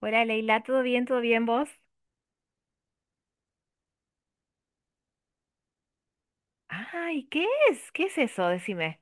Hola Leila, ¿todo bien? ¿Todo bien vos? Ay, ¿qué es? ¿Qué es eso? Decime.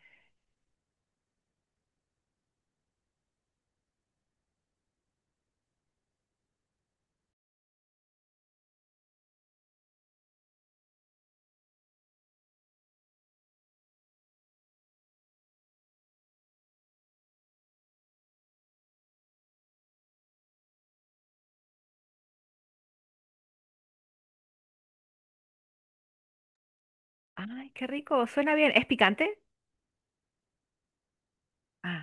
Ay, qué rico, suena bien. ¿Es picante? Ah,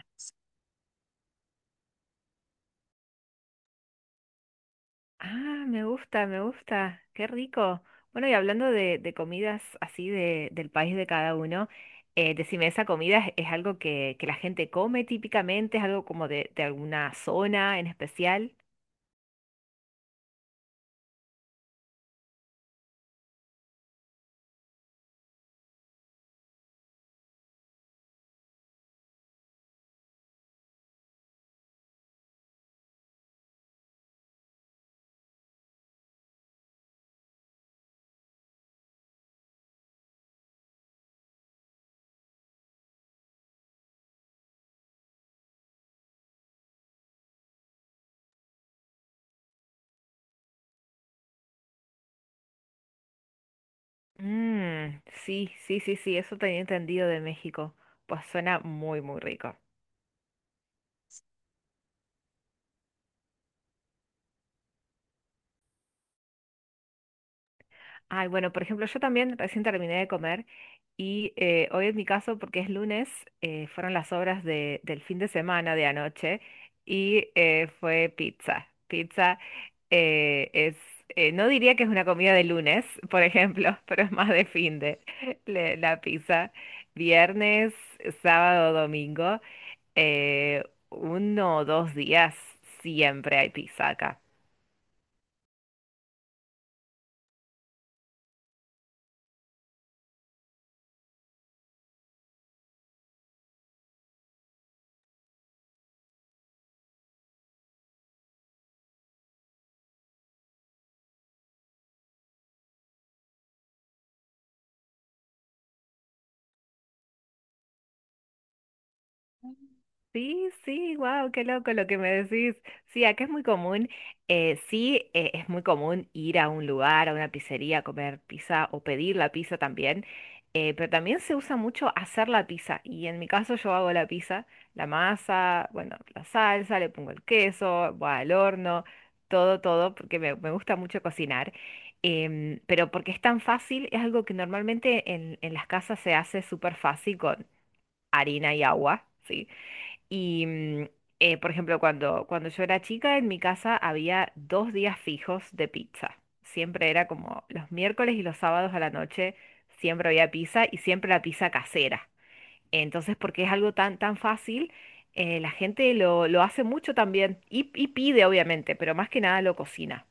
ah, me gusta, qué rico. Bueno, y hablando de comidas así de del país de cada uno, decime, ¿esa comida es algo que la gente come típicamente? ¿Es algo como de alguna zona en especial? Mmm, sí, sí, sí, sí, eso tenía entendido de México. Pues suena muy, muy rico. Ay, bueno, por ejemplo, yo también recién terminé de comer y hoy en mi caso, porque es lunes, fueron las del fin de semana de anoche y fue pizza. Pizza es, no diría que es una comida de lunes, por ejemplo, pero es más de fin de la pizza. Viernes, sábado, domingo, eh, uno o dos días siempre hay pizza acá. Sí, sí, wow, qué loco lo que me decís. Sí, acá es muy común, sí, es muy común ir a un lugar, a una pizzería, a comer pizza o pedir la pizza también, pero también se usa mucho hacer la pizza y en mi caso yo hago la pizza, la masa, bueno, la salsa, le pongo el queso, va al horno, todo, todo, porque me gusta mucho cocinar, pero porque es tan fácil, es algo que normalmente en las casas se hace súper fácil con harina y agua, ¿sí? Y, mm, por ejemplo, cuando yo era chica, en mi casa había dos días fijos de pizza. Siempre era como los miércoles y los sábados a la noche, siempre había pizza y siempre la pizza casera. Entonces, porque es algo tan fácil, la gente lo hace mucho también y pide, obviamente, pero más que nada lo cocina.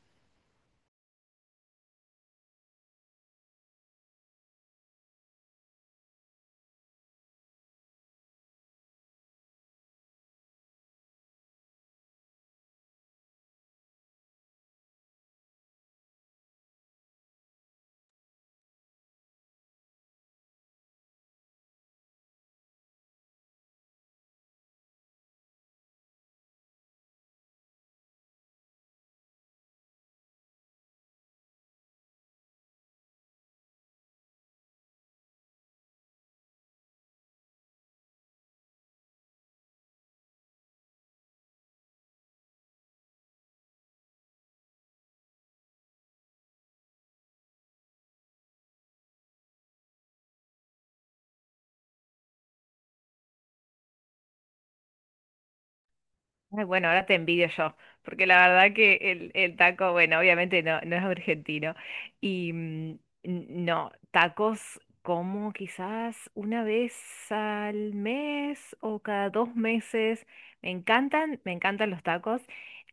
Ay, bueno, ahora te envidio yo, porque la verdad que el taco, bueno, obviamente no, no es argentino. Y mm, no, tacos como quizás una vez al mes o cada dos meses. Me encantan los tacos.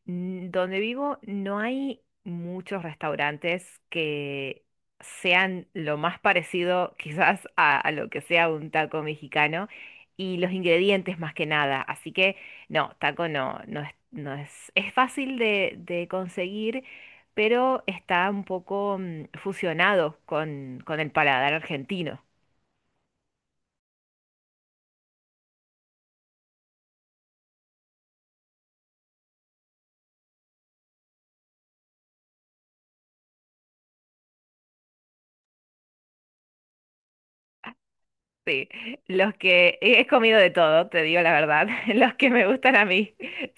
Mm, donde vivo no hay muchos restaurantes que sean lo más parecido quizás a lo que sea un taco mexicano y los ingredientes más que nada. Así que... No, taco no, no es, es fácil de conseguir, pero está un poco mm, fusionado con el paladar argentino. Sí, los que he comido de todo, te digo la verdad. Los que me gustan a mí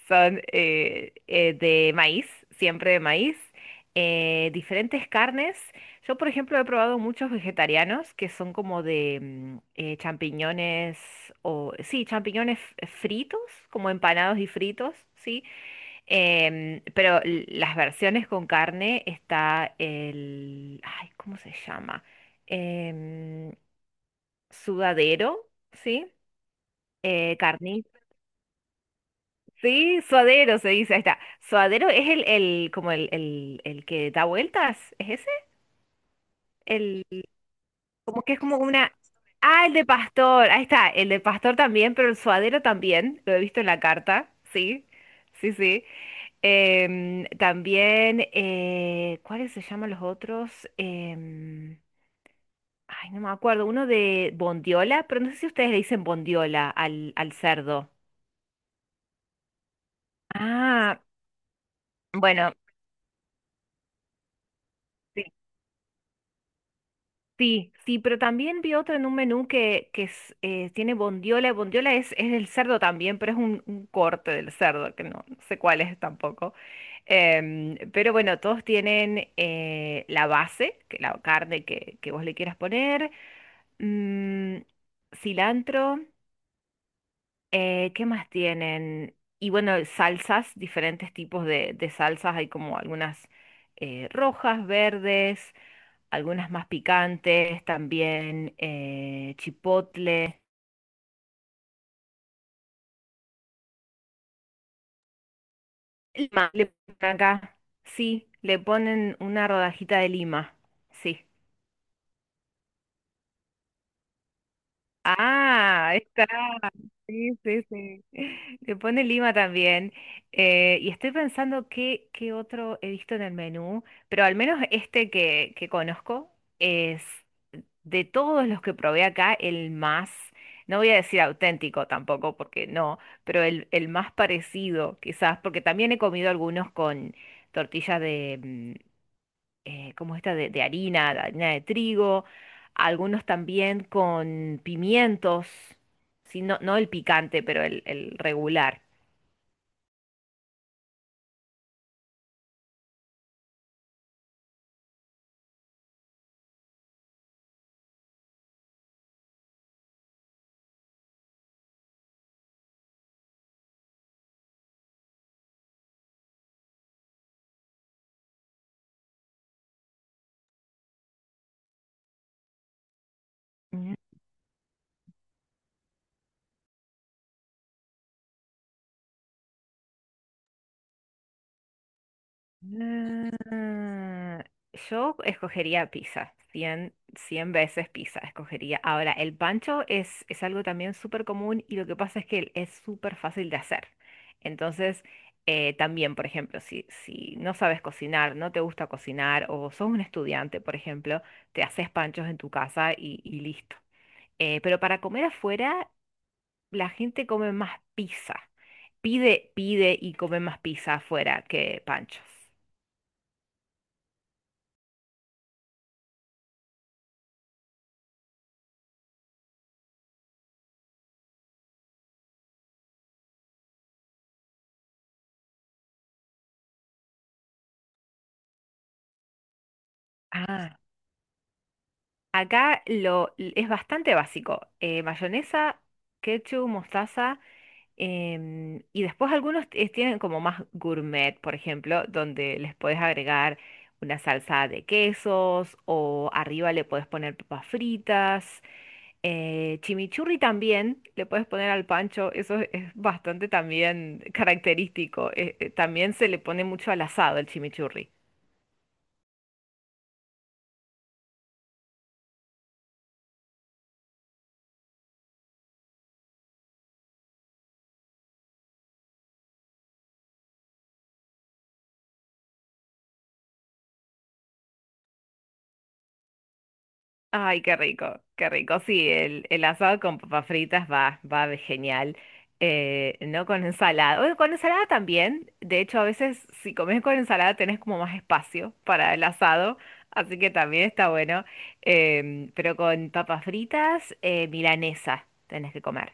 son de maíz, siempre de maíz, diferentes carnes. Yo, por ejemplo, he probado muchos vegetarianos que son como de mm, champiñones o sí, fritos, como empanados y fritos, sí. Em, pero las versiones con carne está el, ay, ¿cómo se llama? Em, sudadero, ¿sí? Carni- Sí, suadero se dice, ahí está. Suadero es el como el, el que da vueltas, ¿es ese? El, como que es como una... Ah, el de pastor, ahí está, el de pastor también, pero el suadero también, lo he visto en la carta, sí, sí, sí. Em, también, ¿cuáles se llaman los otros? Em, ay, no me acuerdo, uno de bondiola, pero no sé si ustedes le dicen bondiola al cerdo. Ah, bueno, sí, sí, sí, pero también vi otro en un menú que es, tiene bondiola. Bondiola es el cerdo también, pero es un corte del cerdo, que no, no sé cuál es tampoco. Em, pero bueno, todos tienen la base, que la carne que vos le quieras poner, mm, cilantro, ¿qué más tienen? Y bueno, salsas, diferentes tipos de salsas, hay como algunas rojas, verdes. Algunas más picantes, también chipotle. Lima, le ponen acá, sí, le ponen una rodajita de lima, sí. Ah, ahí está, sí, sí, sí. Le pone lima también. Y estoy pensando qué, qué otro he visto en el menú, pero al menos este que conozco es de todos los que probé acá, el más, no voy a decir auténtico tampoco, porque no, pero el más parecido, quizás, porque también he comido algunos con tortillas de, mm, ¿cómo es esta? De harina, de harina de trigo, algunos también con pimientos, sí, no, no el picante, pero el regular. Ah, yo escogería pizza, 100 100 veces pizza escogería. Ahora, el pancho es algo también súper común y lo que pasa es que es súper fácil de hacer. Entonces, también, por ejemplo, si no sabes cocinar, no te gusta cocinar o sos un estudiante, por ejemplo, te haces panchos en tu casa y listo. Pero para comer afuera, la gente come más pizza. Pide, pide y come más pizza afuera que panchos. Ah, acá lo, es bastante básico. Eh, mayonesa, ketchup, mostaza. Em, y después algunos tienen como más gourmet, por ejemplo, donde les puedes agregar una salsa de quesos o arriba le puedes poner papas fritas. Eh, chimichurri también le puedes poner al pancho. Eso es bastante también característico. También se le pone mucho al asado el chimichurri. Ay, qué rico, qué rico. Sí, el asado con papas fritas va, va de genial. No con ensalada. Oye, con ensalada también. De hecho, a veces si comes con ensalada tenés como más espacio para el asado, así que también está bueno. Em, pero con papas fritas, milanesa tenés que comer.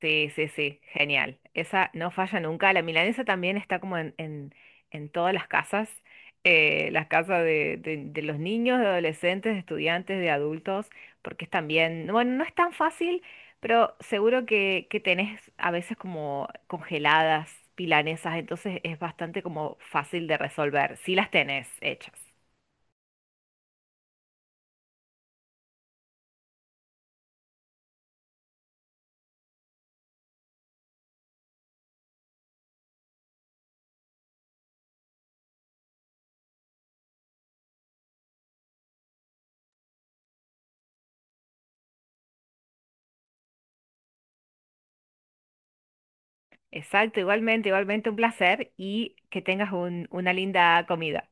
Sí, sí, sí, genial. Esa no falla nunca. La milanesa también está como en todas las casas de, de los niños, de adolescentes, de estudiantes, de adultos, porque es también, no, bueno, no es tan fácil, pero seguro que tenés a veces como congeladas milanesas, entonces es bastante como fácil de resolver, si las tenés hechas. Exacto, igualmente, igualmente un placer y que tengas una linda comida.